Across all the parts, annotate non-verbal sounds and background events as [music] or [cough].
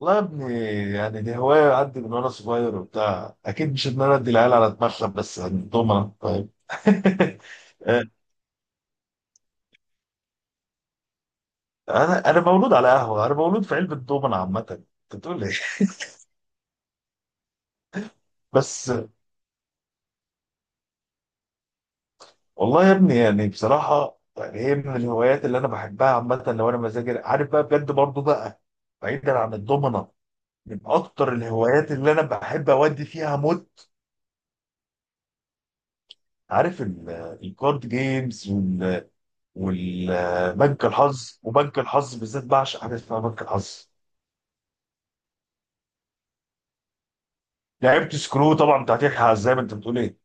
والله يا ابني، يعني دي هواية عندي من وأنا صغير وبتاع. أكيد مش إن أنا أدي العيال على دماغهم، بس الدومنة طيب. [laughs] أنا مولود على قهوة، أنا مولود في علبة دومنة عامة. أنت بتقول إيه؟ [laughs] بس. والله يا ابني يعني بصراحة، يعني هي من الهوايات اللي أنا بحبها عامة. لو أنا مزاجي عارف بقى بجد برضه بقى. بعيدا عن الدومنة، من أكتر الهوايات اللي أنا بحب أودي فيها موت. عارف الكارد جيمز والبنك الحظ، وبنك الحظ بالذات بعشق حاجه اسمها بنك الحظ. لعبت سكرو طبعا بتاعت يحيى عزام، انت بتقول ايه.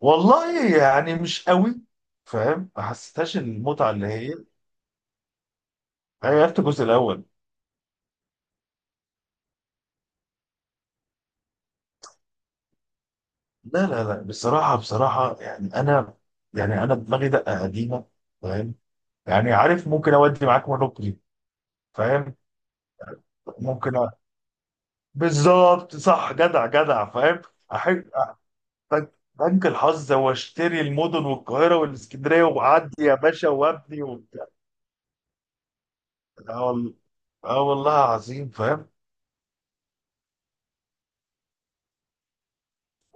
والله يعني مش قوي، فاهم. ما حسيتهاش المتعه اللي هي. انا لعبت الجزء الاول. لا لا لا، بصراحه بصراحه يعني انا، دماغي دقه قديمه، فاهم. يعني عارف ممكن اودي معاك مونوبولي، فاهم. ممكن بالظبط، صح. جدع جدع، فاهم. احب بنك الحظ، هو اشتري المدن والقاهرة والاسكندرية وأعدي يا باشا وابني وبتاع. اه آه والله عظيم، فاهم.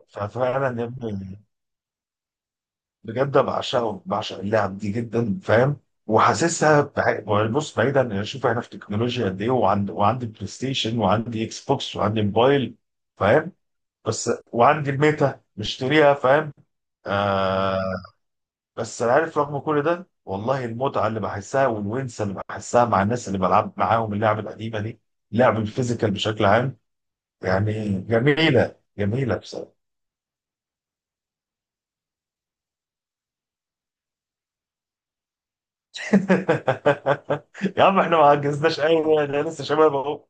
ففعلا يا ابني، بجد بعشقه، بعشق اللعب دي جدا فاهم. وحاسسها بص بعيدا يعني. شوف احنا في تكنولوجيا قد ايه، وعندي بلاي ستيشن، وعندي اكس بوكس، وعندي موبايل فاهم. بس وعندي الميتا مشتريها، فاهم. آه. بس انا عارف رغم كل ده والله، المتعه اللي بحسها والونسه اللي بحسها مع الناس اللي بلعب معاهم اللعبه القديمه دي، لعب الفيزيكال بشكل عام، يعني جميله جميله بصراحه. [laughs] يا عم احنا ما عجزناش قوي، احنا لسه شباب اهو.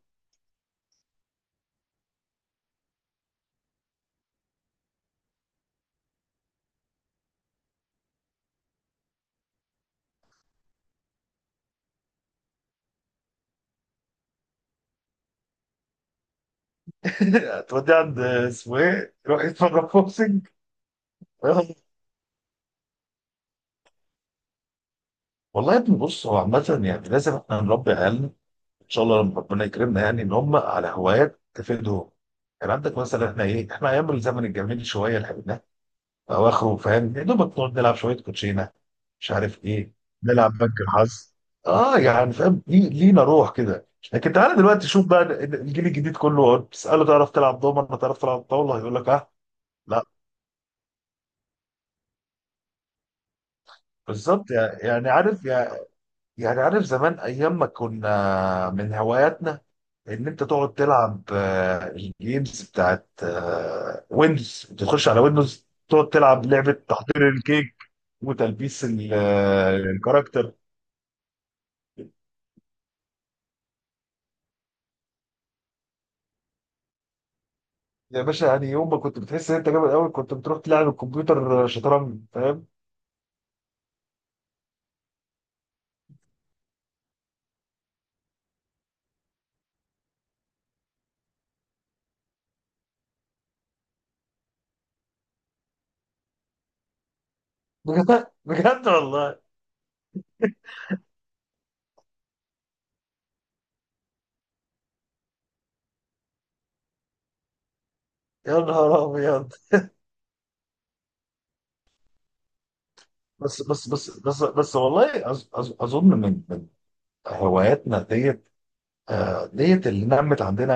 [laughs] هتودي عند اسمه ايه، روح يتفرج بوكسنج. والله يا ابني، بص هو عامة يعني لازم احنا نربي عيالنا، ان شاء الله لما ربنا يكرمنا، يعني ان هم على هوايات تفيدهم. كان عندك مثلا، احنا ايه، احنا ايام الزمن الجميل شويه اللي اواخره فاهم، يا دوبك نقعد نلعب شويه كوتشينه، مش عارف ايه، نلعب بنك الحظ. اه يعني فاهم، لينا روح كده. لكن تعالى دلوقتي شوف بقى الجيل الجديد كله، تساله تعرف تلعب دومنه، تعرف تلعب طاوله، هيقول لك اه لا. بالظبط، يعني عارف، زمان ايام ما كنا من هواياتنا ان انت تقعد تلعب الجيمز بتاعت ويندوز. تخش على ويندوز تقعد تلعب لعبه تحضير الكيك وتلبيس الكاركتر. يا باشا، يعني يوم ما كنت بتحس ان انت جامد قوي، كنت بتروح تلعب الكمبيوتر شطرنج، فاهم. بجد بجد والله. يا نهار ابيض. بس والله أظ أظ اظن من هواياتنا ديت، ديت اللي نمت عندنا،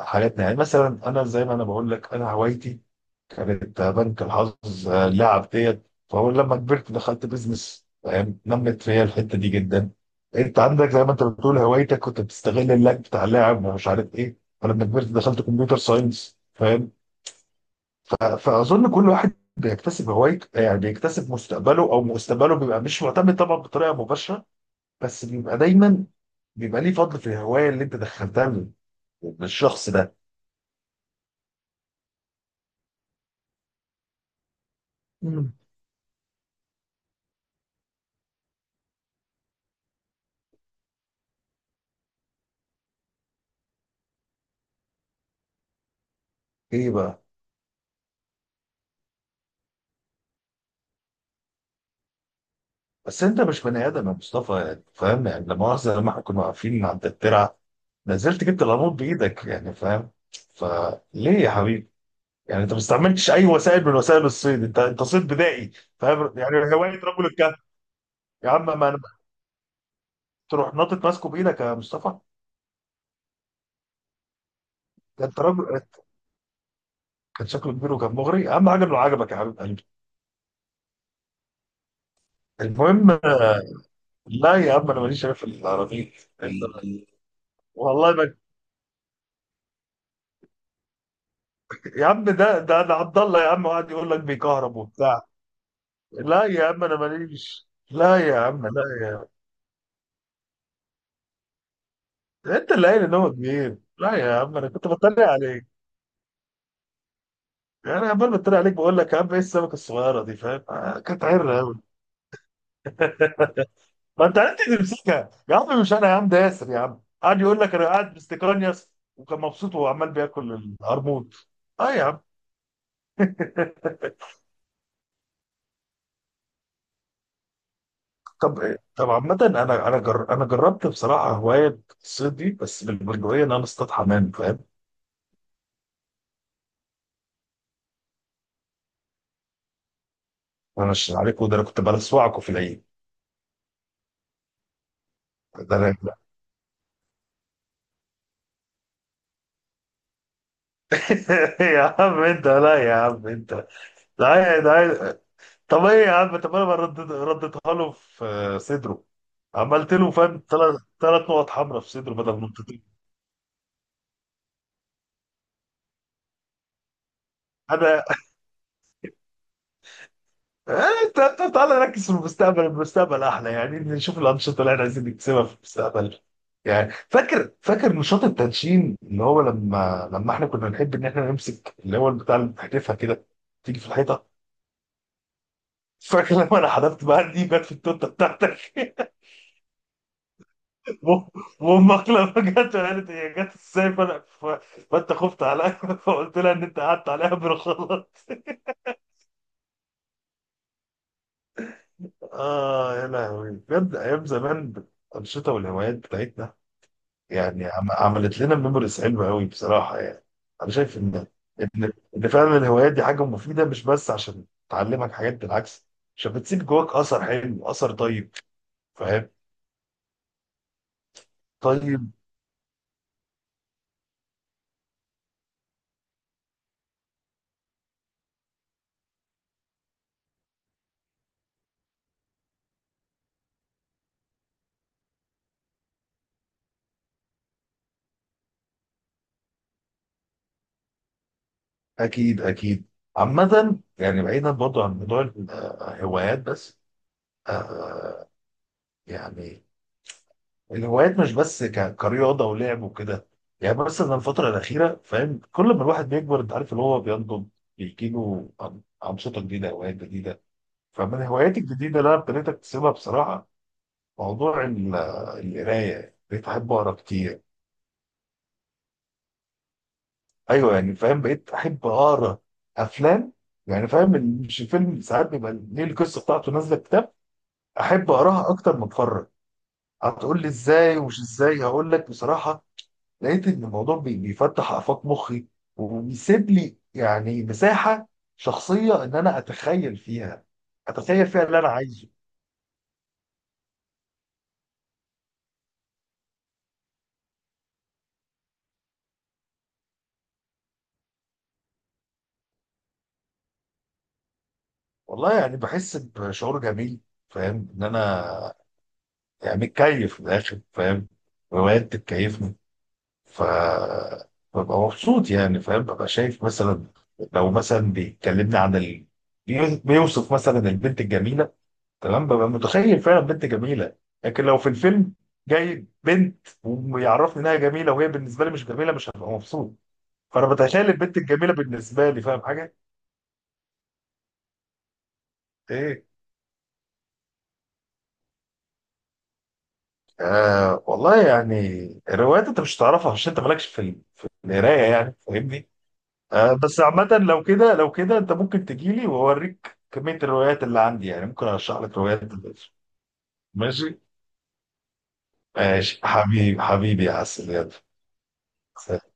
حاجاتنا. يعني مثلا انا زي ما انا بقول لك، انا هوايتي كانت بنك الحظ، اللعب ديت. فهو لما كبرت دخلت بيزنس فاهم، نمت فيا الحته دي جدا. انت عندك زي ما انت بتقول، هوايتك كنت بتستغل اللعب بتاع اللعب ومش عارف ايه، فلما كبرت دخلت كمبيوتر ساينس، فاهم. فاظن كل واحد بيكتسب هوايته، يعني بيكتسب مستقبله، او مستقبله بيبقى مش معتمد طبعا بطريقه مباشره، بس بيبقى دايما بيبقى ليه فضل في الهوايه اللي انت دخلتها بالشخص ده. مم. ايه بقى. بس انت مش بني ادم يا مصطفى، يعني فاهم. يعني لا مؤاخذه، لما احنا كنا واقفين عند الترعه، نزلت جبت القانون بايدك، يعني فاهم. فليه يا حبيبي؟ يعني انت ما استعملتش اي وسائل من وسائل الصيد، انت صيد بدائي فاهم، يعني هوايه رجل الكهف. يا عم ما أنا- تروح ناطط ماسكه بايدك يا مصطفى، ده انت راجل. كان شكله كبير وكان مغري، اهم حاجه انه عجبك يا حبيب قلبي. المهم، لا يا عم انا ماليش شايف العربيه. والله ما، يا عم ده انا عبد الله يا عم قاعد يقول لك بيكهرب وبتاع. لا يا عم انا ماليش، لا يا عم لا. انت اللي قايل ان هو كبير، لا يا عم انا كنت بتريق عليك. انا عمال بتريق عليك، بقول لك يا عم ايه السمكه الصغيره دي فاهم، كانت عره قوي. ما انت عرفت تمسكها يا عم، مش انا، يا عم ده ياسر، يا عم قاعد يقول لك انا قاعد باستيكان ياسر، وكان مبسوط وهو عمال بياكل القرموط. اه يا عم. [laughs] طب عامة، انا انا جربت بصراحة هواية الصيد دي بس بالبندقية ان انا اصطاد حمام، فاهم. انا مش عليكم، ده انا كنت بلسوعكم في العيد. ده انا. [laughs] يا عم انت، لا يا عم انت، لا يا ده. طب ايه يا عم، طب انا ما ردت رديتها له في صدره، عملت له فاهم ثلاث نقط حمراء في صدره بدل نقطتين. انا إيه، انت، تعالى نركز في المستقبل، المستقبل احلى. يعني نشوف الانشطه اللي احنا عايزين نكسبها في المستقبل. يعني فاكر، نشاط التنشين اللي هو لما احنا كنا نحب ان احنا نمسك اللي هو بتاع اللي بتحدفها كده تيجي في الحيطه. فاكر لما انا حذفت بقى دي جت في التوته بتاعتك. [laughs] و- وامك لما جت قالت هي جت ازاي، فانا فانت خفت عليا. [laughs] فقلت لها ان انت قعدت عليها بالغلط. [laughs] اه يا لهوي، بجد ايام زمان، الانشطه والهوايات بتاعتنا، يعني عملت لنا ميموريز حلوه قوي بصراحه. يعني انا شايف ان ان إن فعلا الهوايات دي حاجه مفيده، مش بس عشان تعلمك حاجات، بالعكس عشان بتسيب جواك اثر حلو اثر طيب، فاهم. طيب. اكيد اكيد. عامة يعني بعيدا برضو عن موضوع الهوايات بس، آه، يعني الهوايات مش بس كرياضة ولعب وكده. يعني بس انا الفترة الأخيرة فاهم، كل ما الواحد بيكبر انت عارف اللي هو بينضج، بيجيله أنشطة جديدة، هوايات جديدة. فمن هواياتي الجديدة اللي أنا ابتديت أكتسبها بصراحة موضوع القراية، بقيت أحب أقرأ كتير. أيوه يعني فاهم، بقيت أحب أقرأ أفلام، يعني فاهم، مش الفيلم ساعات بيبقى ليه القصة بتاعته نازلة كتاب، احب اقراها اكتر ما اتفرج. هتقول لي ازاي؟ ومش ازاي، هقول لك بصراحه، لقيت ان الموضوع بيفتح افاق مخي، وبيسيب لي يعني مساحه شخصيه ان انا اتخيل فيها، اللي انا عايزه. والله يعني بحس بشعور جميل، فاهم، ان انا يعني متكيف من الاخر فاهم، روايات بتكيفني. ف ببقى مبسوط، يعني فاهم ببقى شايف مثلا، لو مثلا بيكلمني عن بيوصف مثلا البنت الجميله، تمام، ببقى متخيل فعلا بنت جميله. لكن لو في الفيلم جاي بنت ويعرفني انها جميله وهي بالنسبه لي مش جميله، مش هبقى مبسوط. فانا بتخيل البنت الجميله بالنسبه لي، فاهم حاجه؟ ايه. آه والله يعني الروايات انت مش هتعرفها عشان انت مالكش في في القرايه، يعني فاهمني؟ آه بس عامه، لو كده انت ممكن تجي لي واوريك كميه الروايات اللي عندي، يعني ممكن ارشح لك روايات دلوقتي. ماشي؟ ماشي حبيبي، حبيبي يا عسل، يلا. سلام.